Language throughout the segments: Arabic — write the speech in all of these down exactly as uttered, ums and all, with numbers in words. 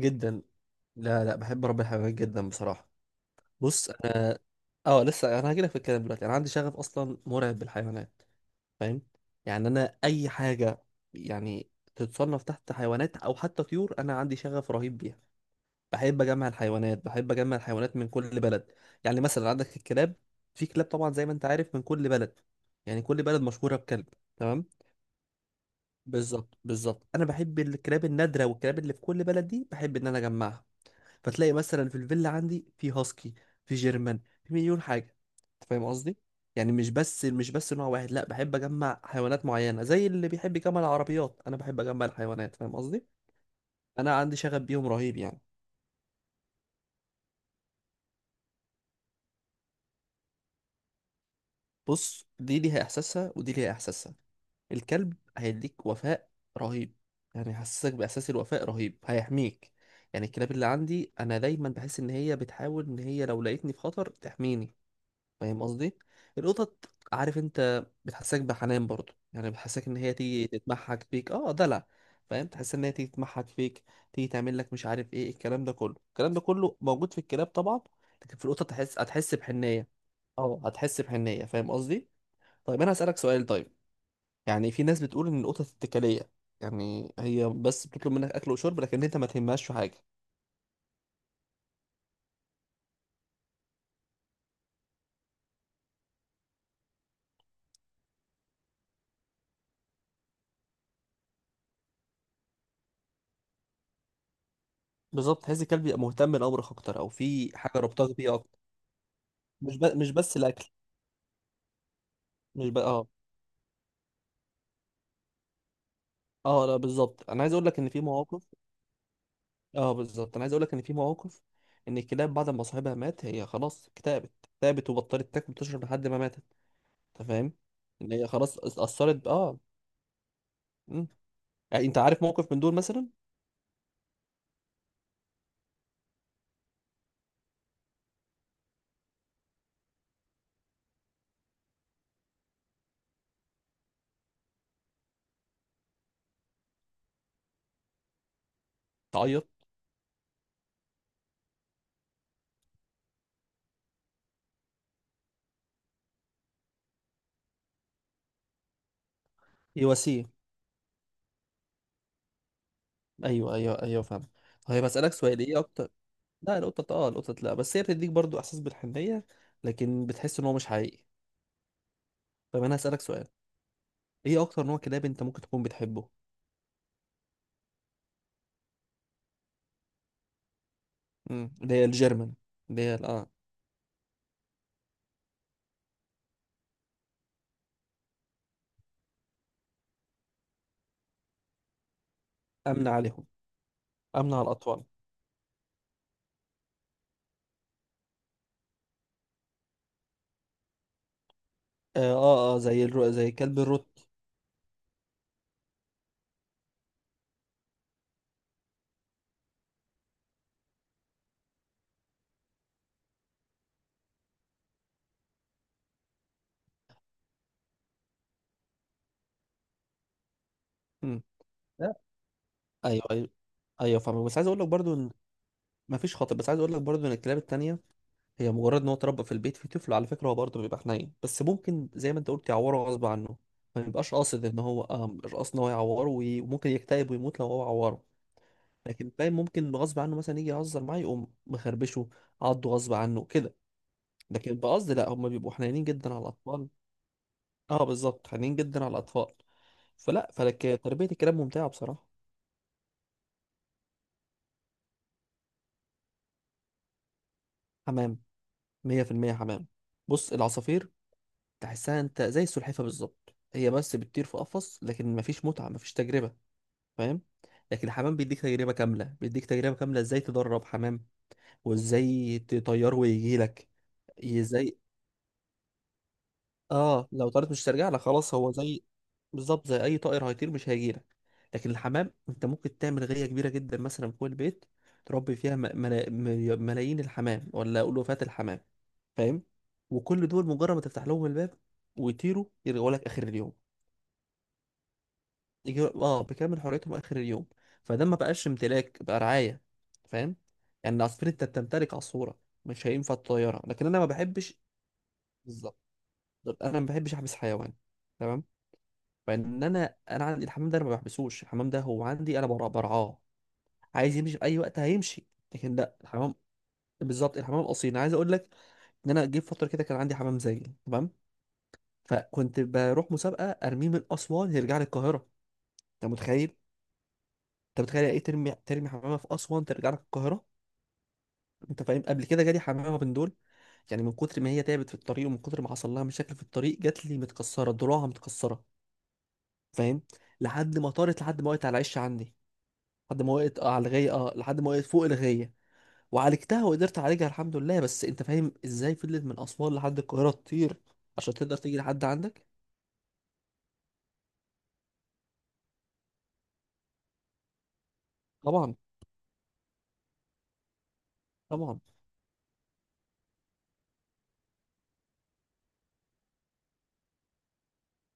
جدا. لا لا بحب رب الحيوانات جدا بصراحة. بص انا اه لسه انا هجيلك في الكلام دلوقتي، انا عندي شغف اصلا مرعب بالحيوانات. فاهم؟ يعني انا اي حاجة يعني تتصنف تحت حيوانات او حتى طيور، انا عندي شغف رهيب بيها. بحب اجمع الحيوانات بحب اجمع الحيوانات من كل بلد. يعني مثلا عندك الكلاب، في كلاب طبعا زي ما انت عارف من كل بلد. يعني كل بلد مشهورة بكلب. تمام. بالظبط بالظبط انا بحب الكلاب النادرة والكلاب اللي في كل بلد دي، بحب ان انا اجمعها. فتلاقي مثلا في الفيلا عندي في هاسكي، في جيرمان، في مليون حاجه. انت فاهم قصدي؟ يعني مش بس مش بس نوع واحد، لا بحب اجمع حيوانات معينه زي اللي بيحب يجمع العربيات، انا بحب اجمع الحيوانات. فاهم قصدي؟ انا عندي شغف بيهم رهيب يعني. بص، دي ليها احساسها ودي ليها احساسها. الكلب هيديك وفاء رهيب. يعني هيحسسك باحساس الوفاء رهيب، هيحميك. يعني الكلاب اللي عندي انا دايما بحس ان هي بتحاول ان هي لو لقيتني في خطر تحميني. فاهم قصدي؟ القطط، عارف انت بتحسسك بحنان برضو، يعني بتحسسك ان هي تيجي تتمحك فيك، اه دلع. فاهم، تحس ان هي تيجي تتمحك فيك، تيجي تعمل لك مش عارف ايه الكلام ده كله، الكلام ده كله موجود في الكلاب طبعا. لكن في القطط تحس هتحس بحنيه، اه هتحس بحنيه. فاهم قصدي؟ طيب انا هسألك سؤال طيب. يعني في ناس بتقول ان القطط اتكاليه، يعني هي بس بتطلب منك اكل وشرب لكن انت ما تهمهاش في حاجه. بالظبط، تحس الكلب يبقى مهتم لامرك اكتر، او في حاجه ربطاك بيه اكتر. مش ب... مش بس الاكل. مش بقى اه. اه لا بالظبط، انا عايز اقول لك ان في مواقف اه بالظبط انا عايز اقول لك ان في مواقف ان الكلاب بعد ما صاحبها مات هي خلاص اكتئبت اكتئبت وبطلت تاكل وتشرب لحد ما ماتت. انت فاهم؟ ان هي خلاص اتأثرت اه. مم. يعني انت عارف موقف من دول مثلا؟ تعيط. هي وسيم. ايوه ايوه ايوه فاهم. طيب هسألك سؤال ايه اكتر. لا القطط، اه القطط لا، بس هي بتديك برضو احساس بالحنية، لكن بتحس ان هو مش حقيقي. طب انا هسألك سؤال، ايه اكتر نوع كلاب انت ممكن تكون بتحبه؟ مم. اللي هي الجيرمان، اللي هي ال- اه. امن عليهم. امنع الاطفال. اه اه آه، زي الرو... زي كلب الروت. مم. لا، ايوه ايوه ايوه فاهمك، بس عايز اقول لك برضو ان مفيش خطر بس عايز اقول لك برضو ان الكلاب التانية هي مجرد ان هو اتربى في البيت في طفل، على فكره هو برضو بيبقى حنين، بس ممكن زي ما انت قلت يعوره غصب عنه. ما بيبقاش قاصد ان هو آه مش قاصد ان هو يعوره، وي- وممكن يكتئب ويموت لو هو عوره. لكن باين ممكن غصب عنه مثلا يجي يهزر معاه يقوم مخربشه، عضه غصب عنه كده. لكن بقصد لا، هم بيبقوا حنينين جدا على الاطفال. اه بالظبط، حنينين جدا على الاطفال. فلا فلك تربية الكلاب ممتعة بصراحة. حمام، مية في المية حمام. بص العصافير تحسها انت زي السلحفة بالظبط، هي بس بتطير في قفص لكن مفيش متعة مفيش تجربة. فاهم. لكن الحمام بيديك تجربة كاملة، بيديك تجربة كاملة ازاي تدرب حمام وازاي تطيره ويجي لك. ازاي اه، لو طارت مش ترجع لك خلاص، هو زي، بالظبط زي اي طائر هيطير مش هيجي لك. لكن الحمام انت ممكن تعمل غية كبيرة جدا مثلا فوق البيت، تربي فيها م- ملا... مليون- ملايين الحمام، ولا اقول وفاة الحمام. فاهم. وكل دول مجرد ما تفتح لهم الباب ويطيروا يرجعوا لك اخر اليوم. يجي اه بكامل حريتهم اخر اليوم. فده ما بقاش امتلاك، بقى رعايه. فاهم. يعني العصفور انت بتمتلك عصفوره، مش هينفع تطيرها، لكن انا ما بحبش. بالظبط، انا ما بحبش احبس حيوان. تمام. فان انا انا عندي الحمام ده، انا ما بحبسوش، الحمام ده هو عندي انا برع- برعاه. عايز يمشي في اي وقت هيمشي. لكن لا الحمام، بالظبط الحمام اصيل، انا عايز اقول لك ان انا جيت فتره كده كان عندي حمام زاجل تمام. فكنت بروح مسابقه ارميه من اسوان يرجع لي القاهره. انت متخيل؟ انت متخيل يعني ايه، ترمي ترمي حمامه في اسوان ترجع لك القاهره. انت فاهم، قبل كده جالي حمامه من دول، يعني من كتر ما هي تعبت في الطريق ومن كتر ما حصل لها مشاكل في الطريق، جات لي متكسره ضلوعها متكسره. فاهم. لحد ما طارت، لحد ما وقعت على العش عندي، لحد ما وقعت آه، على الغيه اه، لحد ما وقعت فوق الغيه. وعالجتها وقدرت اعالجها الحمد لله. بس انت فاهم ازاي فضلت من اسوان لحد القاهره تطير عشان تقدر تيجي لحد عندك. طبعا طبعا،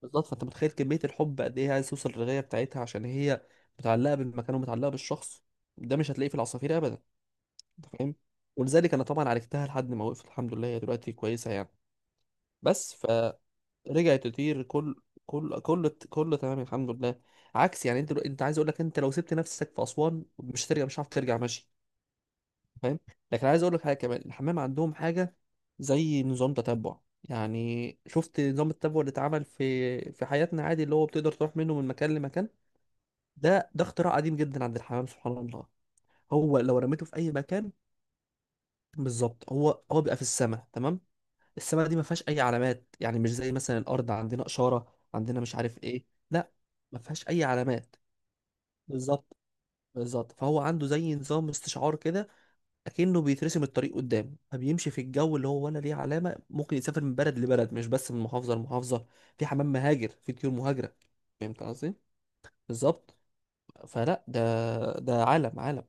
بالظبط. فانت متخيل كمية الحب قد ايه عايز توصل للغاية بتاعتها، عشان هي متعلقة بالمكان ومتعلقة بالشخص. ده مش هتلاقيه في العصافير ابدا. انت فاهم. ولذلك انا طبعا عالجتها لحد ما وقفت الحمد لله، هي دلوقتي كويسة يعني. بس فرجعت تطير، كل كل كل كل تمام الحمد لله. عكس يعني، انت انت عايز اقول لك، انت لو سبت نفسك في اسوان مش هترجع، مش هتعرف ترجع ماشي. فاهم. لكن عايز اقول لك حاجه كمان، الحمام عندهم حاجه زي نظام تتبع. يعني شفت نظام التتبع اللي اتعمل في في حياتنا عادي، اللي هو بتقدر تروح منه من مكان لمكان. ده ده اختراع قديم جدا عند الحمام، سبحان الله. هو لو رميته في اي مكان، بالظبط، هو هو بيبقى في السماء تمام. السماء دي ما فيهاش اي علامات، يعني مش زي مثلا الارض عندنا اشاره عندنا مش عارف ايه. لا، ما فيهاش اي علامات. بالظبط بالظبط، فهو عنده زي نظام استشعار كده، اكنه بيترسم الطريق قدامه فبيمشي في الجو اللي هو ولا ليه علامه، ممكن يسافر من بلد لبلد مش بس من محافظه لمحافظه. في حمام مهاجر، في طيور مهاجره. فهمت قصدي. بالظبط. فلا ده، ده عالم عالم.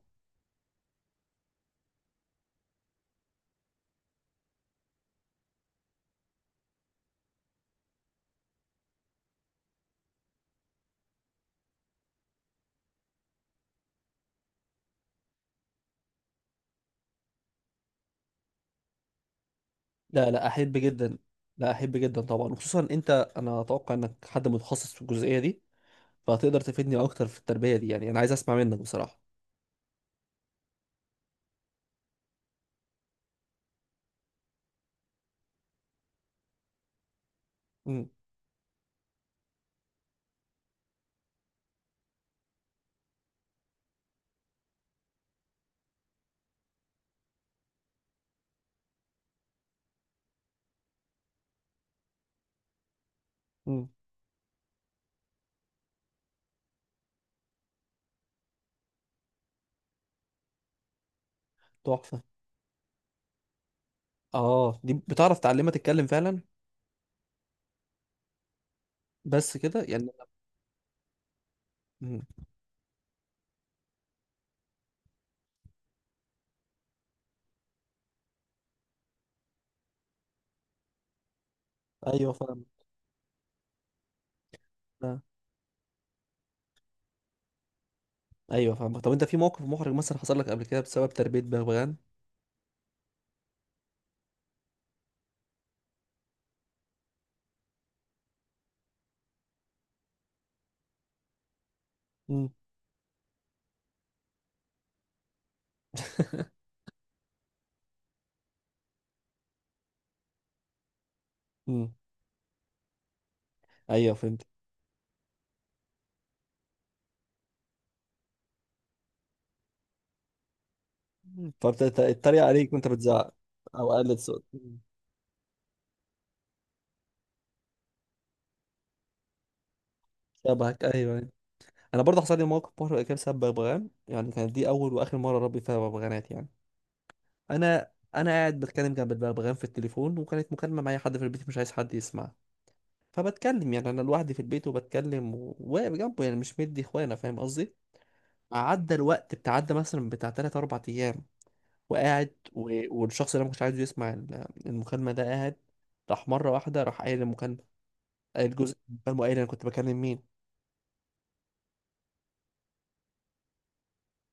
لا لا، احب جدا. لا احب جدا طبعا. وخصوصا انت، انا اتوقع انك حد متخصص في الجزئيه دي، فهتقدر تفيدني اكتر في التربيه دي. يعني انا عايز اسمع منك بصراحه. امم. امم. تحفه. اه دي بتعرف تعلمها تتكلم فعلا؟ بس كده يعني. مم. ايوه فاهم. ايوه فاهمك. طب انت في موقف محرج مثلا حصل لك قبل كده بسبب تربية بغبغان؟ مم. امم. ايوه فهمت. فبتتريق عليك وانت بتزعق. او قلت صوت مم. شبهك، ايوه، أيوة. انا برضه حصل لي موقف محرج كده بسبب بغبغان، يعني كانت دي اول واخر مره اربي فيها بغبغانات يعني. انا انا قاعد بتكلم جنب البغبغان في التليفون، وكانت مكالمه معايا حد في البيت مش عايز حد يسمع. فبتكلم يعني انا لوحدي في البيت، وبتكلم و- وواقف جنبه، يعني مش مدي اخوانا، فاهم قصدي. عدى الوقت بتعدى مثلا بتاع ثلاثة أربعة ايام، وقاعد و... والشخص اللي انا ما كنتش عايزه يسمع ال- المكالمه ده قاعد. راح مره واحده راح قايل المكالمه. قايل جزء من المكالمه، وقايل انا كنت بكلم مين.